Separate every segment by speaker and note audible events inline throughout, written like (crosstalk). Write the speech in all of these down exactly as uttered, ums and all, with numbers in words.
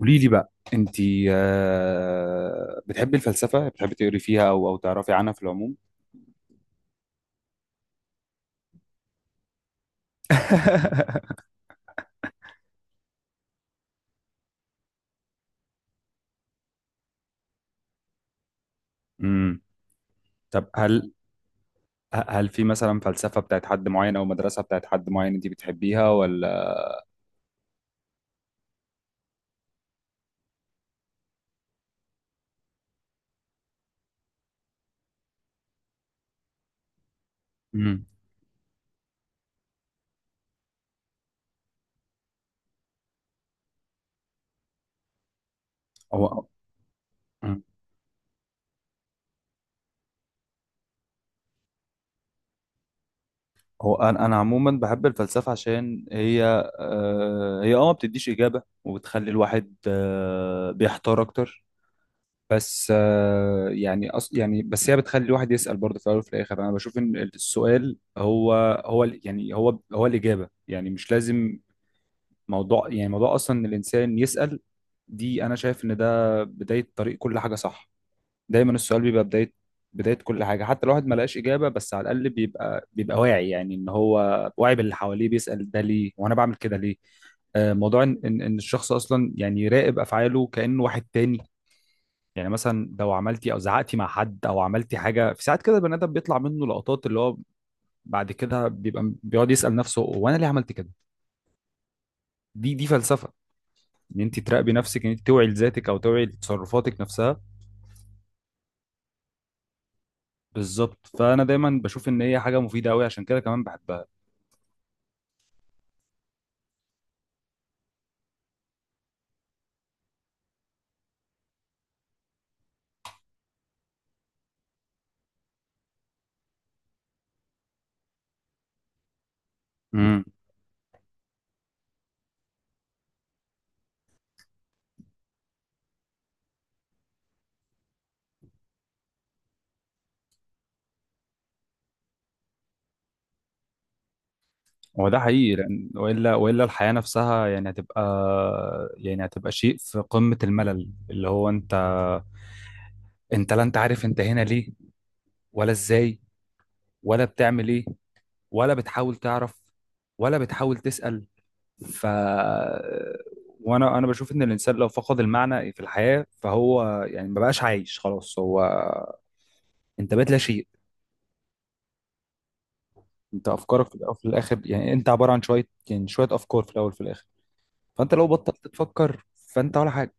Speaker 1: قولي لي بقى انت، بتحبي الفلسفه؟ بتحبي تقري فيها او او تعرفي عنها في العموم؟ (laughs) امم طب هل هل في مثلا فلسفه بتاعت حد معين او مدرسه بتاعت حد معين انت بتحبيها ولا؟ امم هو مم. هو انا انا عموما بحب الفلسفه، عشان هي، آه، هي اه ما بتديش اجابه وبتخلي الواحد آه، بيحتار اكتر. بس آه، يعني أص... يعني بس هي بتخلي الواحد يسأل برضه، في الأول وفي الآخر أنا بشوف إن السؤال هو هو ال- يعني هو هو الإجابة، يعني مش لازم موضوع يعني موضوع أصلا إن الإنسان يسأل. دي أنا شايف إن ده بداية طريق كل حاجة، صح؟ دايما السؤال بيبقى بداية، بداية كل حاجة. حتى الواحد ما لقاش إجابة، بس على الأقل بيبقى بيبقى واعي، يعني إن هو واعي باللي حواليه، بيسأل ده ليه وأنا بعمل كده ليه. آه، موضوع إن إن إن الشخص أصلا يعني يراقب أفعاله كأنه واحد تاني. يعني مثلا لو عملتي او زعقتي مع حد او عملتي حاجه في ساعات كده، البني ادم بيطلع منه لقطات، اللي هو بعد كده بيبقى م- بيقعد يسال نفسه، هو انا ليه عملت كده؟ دي دي فلسفه، ان انت تراقبي نفسك، ان انت توعي لذاتك او توعي لتصرفاتك نفسها. بالظبط، فانا دايما بشوف ان هي حاجه مفيده قوي، عشان كده كمان بحبها. امم، هو ده حقيقي، لان والا والا الحياه نفسها يعني هتبقى، يعني هتبقى شيء في قمه الملل، اللي هو انت انت لا، انت عارف انت هنا ليه، ولا ازاي، ولا بتعمل ايه، ولا بتحاول تعرف، ولا بتحاول تسأل. ف وانا انا بشوف ان الانسان لو فقد المعنى في الحياة فهو يعني ما بقاش عايش خلاص، هو انت بقيت لا شيء. انت افكارك في الأول وفي الاخر، يعني انت عبارة عن شوية، يعني شوية افكار في الاول وفي الاخر. فانت لو بطلت تفكر فانت ولا حاجة.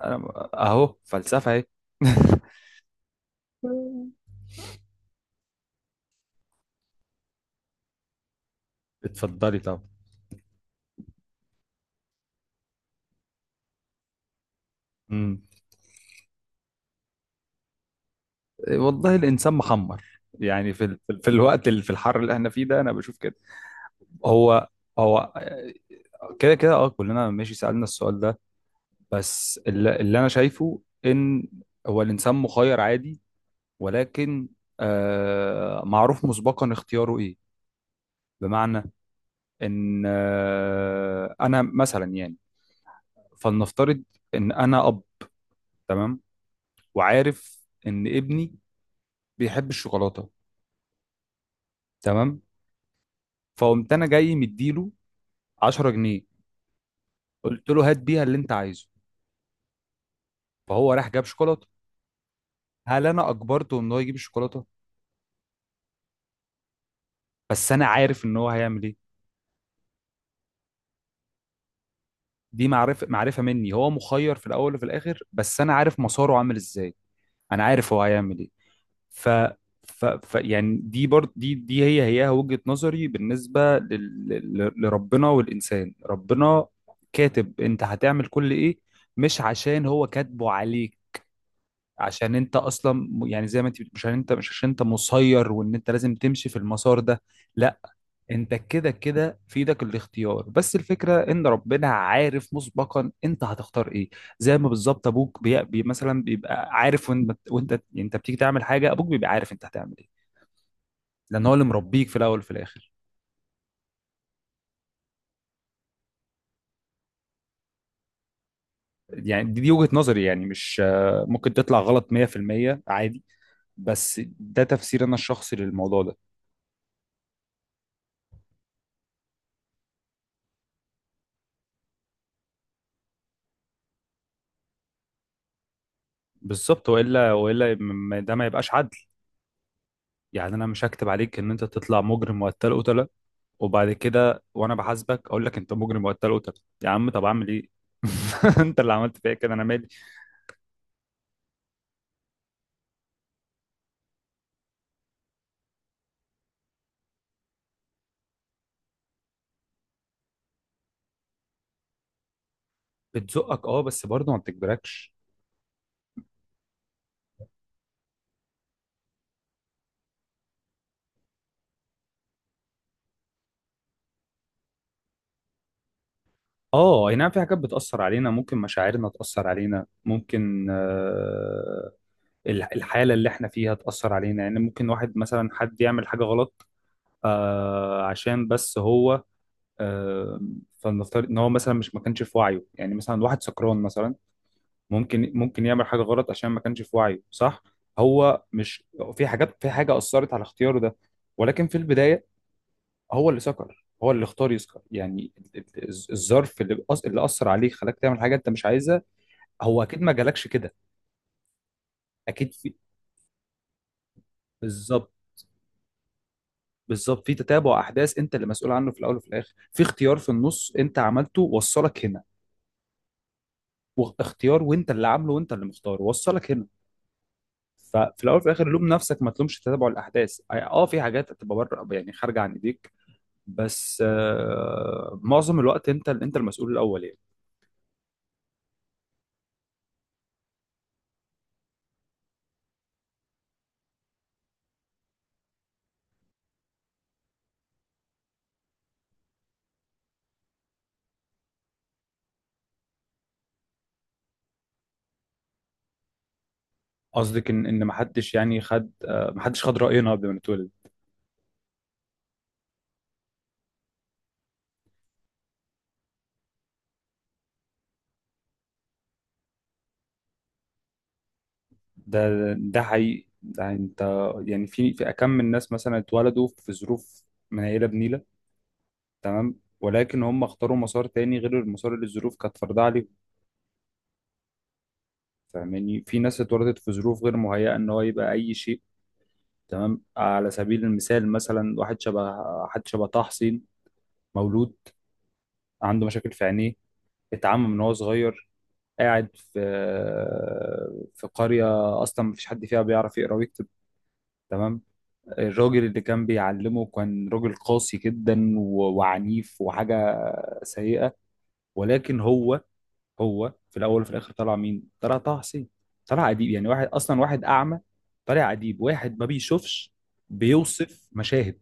Speaker 1: أنا اهو فلسفة اهي. (laughs) اتفضلي طب. مم. والله الانسان محمر، يعني في ال... في الوقت اللي في الحر اللي احنا فيه ده انا بشوف كده. هو هو كده كده اه، كلنا ماشي سألنا السؤال ده. بس اللي, اللي انا شايفه ان هو الانسان مخير عادي، ولكن آه معروف مسبقا اختياره ايه. بمعنى ان آه انا مثلا يعني، فلنفترض ان انا اب، تمام، وعارف ان ابني بيحب الشوكولاتة، تمام. فقمت انا جاي مديله عشرة جنيه، قلت له هات بيها اللي انت عايزه، فهو راح جاب شوكولاتة. هل انا اجبرته ان هو يجيب الشوكولاتة؟ بس انا عارف ان هو هيعمل ايه. دي معرفه معرفه مني، هو مخير في الاول وفي الاخر بس انا عارف مساره عامل ازاي، انا عارف هو هيعمل ايه. ف ف, ف يعني دي برضه دي دي هي هيها وجهة نظري بالنسبه لل... لل- لربنا والانسان. ربنا كاتب انت هتعمل كل ايه، مش عشان هو كاتبه عليك، عشان انت اصلا م- يعني زي ما انت بت- مش عشان انت مش عشان انت مسير وان انت لازم تمشي في المسار ده، لا. انت كده كده في ايدك الاختيار، بس الفكره ان ربنا عارف مسبقا انت هتختار ايه. زي ما بالظبط ابوك بي... بي مثلا بيبقى عارف، وانت وانت انت بتيجي تعمل حاجه ابوك بيبقى عارف انت هتعمل ايه، لان هو اللي مربيك في الاول وفي الاخر. يعني دي, دي وجهه نظري، يعني مش آه، ممكن تطلع غلط مية في المية، عادي، بس ده تفسير انا الشخصي للموضوع ده. بالظبط، والا والا م- ده ما يبقاش عدل. يعني انا مش هكتب عليك ان انت تطلع مجرم وقتل قتله وبعد كده وانا بحاسبك اقول لك انت مجرم وقتل قتل، يا عم طب اعمل ايه؟ (laughs) انت اللي عملت فيا كده، انا مالي. بتزقك اه، بس برضه ما بتجبركش. اه اي نعم، في حاجات بتأثر علينا، ممكن مشاعرنا تأثر علينا، ممكن آه، الح- الحالة اللي احنا فيها تأثر علينا. يعني ممكن واحد مثلا حد يعمل حاجة غلط، آه عشان بس هو، آه فلنفترض ان هو مثلا مش ما كانش في وعيه، يعني مثلا واحد سكران مثلا، ممكن ممكن يعمل حاجه غلط عشان ما كانش في وعيه، صح. هو مش في حاجات، في حاجه اثرت على اختياره ده، ولكن في البدايه هو اللي سكر، هو اللي اختار يسكر. يعني ال- ال- الز- الظرف اللي أص- اللي اثر عليك خلاك تعمل حاجه انت مش عايزها، هو اكيد ما جالكش كده. اكيد في. بالظبط، بالظبط، في تتابع احداث انت اللي مسؤول عنه في الاول وفي الاخر، في اختيار في النص انت عملته وصلك هنا، واختيار وانت اللي عامله وانت اللي مختاره وصلك هنا. ففي الاول وفي الاخر لوم نفسك، ما تلومش تتابع الاحداث. اه، في حاجات هتبقى بره، يعني خارجه عن ايديك، بس آه معظم الوقت انت انت المسؤول الاول يعني. قصدك ان ان ما حدش يعني خد آه ما حدش خد راينا قبل ما نتولد. ده ده حقيقي، ده انت يعني في في اكم من الناس مثلا اتولدوا في ظروف منيله بنيله، تمام، ولكن هم اختاروا مسار تاني غير المسار اللي الظروف كانت فرضاه عليهم، فاهماني؟ في ناس اتولدت في ظروف غير مهيئه ان هو يبقى اي شيء، تمام. على سبيل المثال، مثلا واحد شبه حد شبه طه حسين، مولود عنده مشاكل في عينيه، اتعمى من وهو صغير، قاعد في في قرية أصلا مفيش حد فيها بيعرف يقرأ ويكتب، تمام. الراجل اللي كان بيعلمه كان راجل قاسي جدا و- وعنيف وحاجة سيئة، ولكن هو هو في الأول وفي الآخر طلع مين؟ طلع طه حسين، طلع أديب. يعني واحد أصلا واحد أعمى طلع أديب، واحد ما بيشوفش بيوصف مشاهد.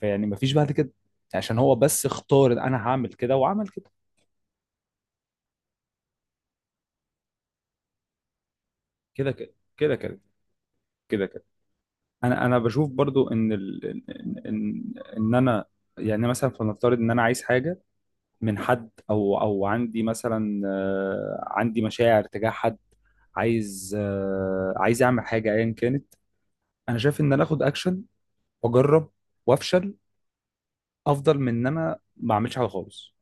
Speaker 1: فيعني مفيش بعد كده، عشان هو بس اختار إن انا هعمل كده وعمل كده. كده كده، كده كده، كده كده. انا انا بشوف برضو ان ال... ان ان إن انا يعني مثلا فلنفترض ان انا عايز حاجه من حد او او عندي مثلا، آه، عندي مشاعر تجاه حد، عايز، آه، عايز اعمل حاجه ايا كانت. انا شايف ان انا اخد اكشن، واجرب وافشل، افضل من ان انا ما اعملش حاجه خالص،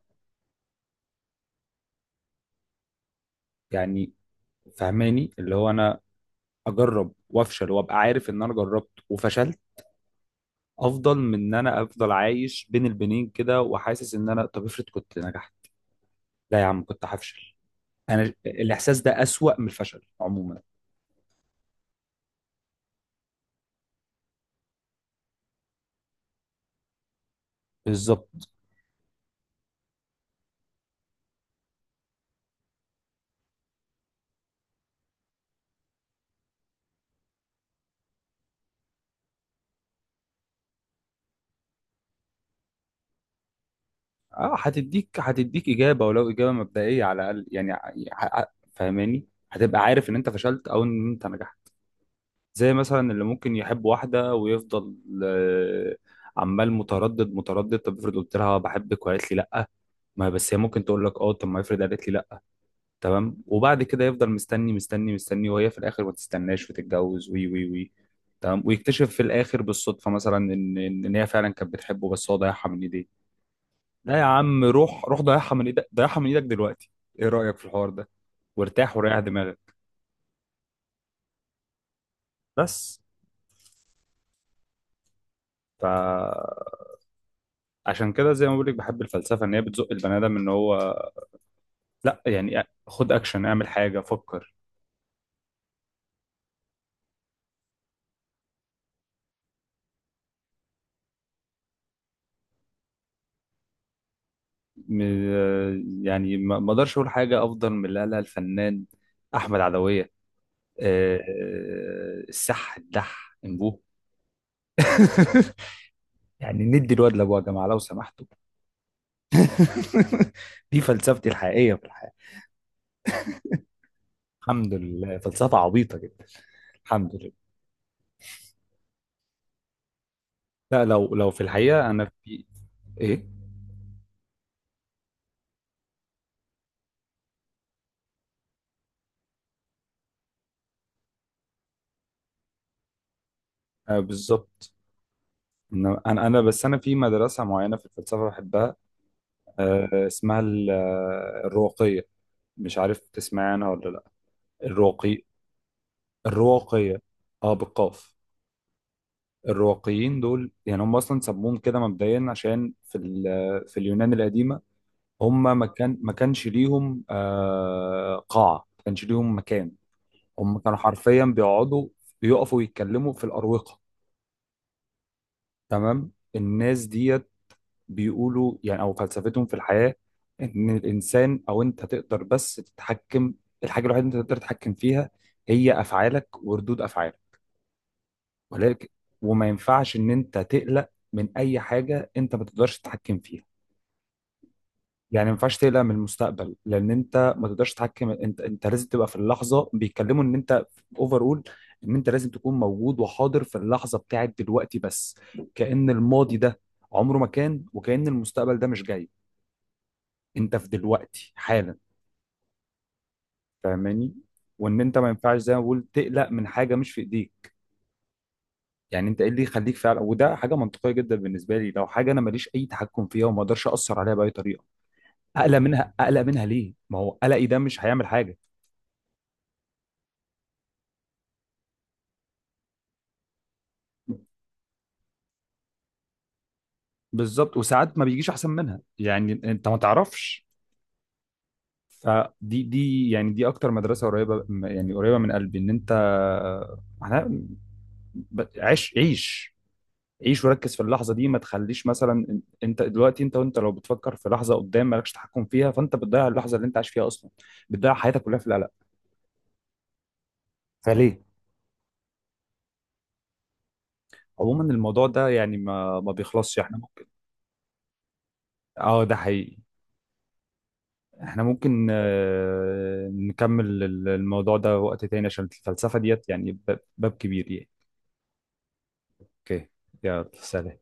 Speaker 1: يعني فهماني؟ اللي هو انا اجرب وافشل وابقى عارف ان انا جربت وفشلت، افضل من ان انا افضل عايش بين البنين كده وحاسس ان انا طب افرض كنت نجحت. لا يا عم كنت هفشل، انا الاحساس ده اسوأ من الفشل عموما. بالظبط. اه، هتديك هتديك اجابه، ولو اجابه مبدئيه على الاقل يعني، ع- ع- فاهماني؟ هتبقى عارف ان انت فشلت او ان انت نجحت. زي مثلا اللي ممكن يحب واحده ويفضل، آه، عمال متردد متردد، طب افرض قلت لها بحبك وقالت لي لا، ما بس هي ممكن تقول لك اه، طب ما افرض قالت لي لا، تمام. وبعد كده يفضل مستني مستني مستني وهي في الاخر ما تستناش وتتجوز، وي وي وي، تمام. ويكتشف في الاخر بالصدفه مثلا ان ان إن هي فعلا كانت بتحبه، بس هو ضيعها من ايديه. لا يا عم، روح روح ضيعها من ايدك، ضيعها من ايدك دلوقتي، ايه رايك في الحوار ده؟ وارتاح وريح دماغك، بس. فعشان كده زي ما بقول لك بحب الفلسفه، ان هي بتزق البني ادم ان هو، لا يعني خد اكشن، اعمل حاجه، فكر. م- يعني ما ما اقدرش اقول حاجه افضل من اللي قالها الفنان احمد عدويه، آه، السح الدح انبوه. (laughs) يعني ندي الواد لابوه يا جماعه لو سمحتوا. (laughs) دي فلسفتي الحقيقيه في الحياه. الحمد لله، فلسفه عبيطه جدا، الحمد لله. لا لو لو في الحقيقه انا في ايه، آه بالظبط. إنما انا انا بس انا في مدرسه معينه في الفلسفه بحبها. آه اسمها ال- آه، الرواقيه، مش عارف تسمعي عنها ولا لا؟ الرواقي الرواقيه. اه بالقاف. الرواقيين دول يعني هم اصلا سموهم كده مبدئيا عشان في ال- في اليونان القديمه هم ما كان ما كانش ليهم آه، قاعه، ما كانش ليهم مكان. هم كانوا حرفيا بيقعدوا بيقفوا يتكلموا في الاروقه، تمام. الناس ديت بيقولوا يعني او فلسفتهم في الحياه، ان الانسان او انت تقدر بس تتحكم، الحاجه الوحيده اللي انت تقدر تتحكم فيها هي افعالك وردود افعالك. ولكن، وما ينفعش ان انت تقلق من اي حاجه انت ما تقدرش تتحكم فيها. يعني ما ينفعش تقلق من المستقبل لان انت ما تقدرش تتحكم، انت انت لازم تبقى في اللحظه. بيتكلموا ان انت اوفر اول، ان انت لازم تكون موجود وحاضر في اللحظه بتاعت دلوقتي بس، كأن الماضي ده عمره ما كان وكأن المستقبل ده مش جاي. انت في دلوقتي حالا، فاهماني؟ وان انت ما ينفعش زي ما بقول تقلق من حاجه مش في ايديك. يعني انت ايه اللي يخليك فعلا، وده حاجه منطقيه جدا بالنسبه لي، لو حاجه انا ماليش اي تحكم فيها وما اقدرش اثر عليها باي طريقه، اقلق منها، اقلق منها ليه؟ ما هو قلقي ده مش هيعمل حاجه. بالظبط، وساعات ما بيجيش احسن منها، يعني انت ما تعرفش. فدي دي يعني دي اكتر مدرسه قريبه، يعني قريبه من قلبي، ان انت، احنا، ب- عيش عيش عيش وركز في اللحظه دي، ما تخليش مثلا ان- انت دلوقتي، انت وانت لو بتفكر في لحظه قدام مالكش تحكم فيها فانت بتضيع اللحظه اللي انت عايش فيها اصلا، بتضيع حياتك كلها في القلق، فليه؟ عموما الموضوع ده يعني ما ما بيخلصش، احنا ممكن اه ده حقيقي، احنا ممكن آه، نكمل ال- الموضوع ده وقت تاني عشان الفلسفة ديت يعني باب باب كبير يعني. اوكي، يلا، سلام.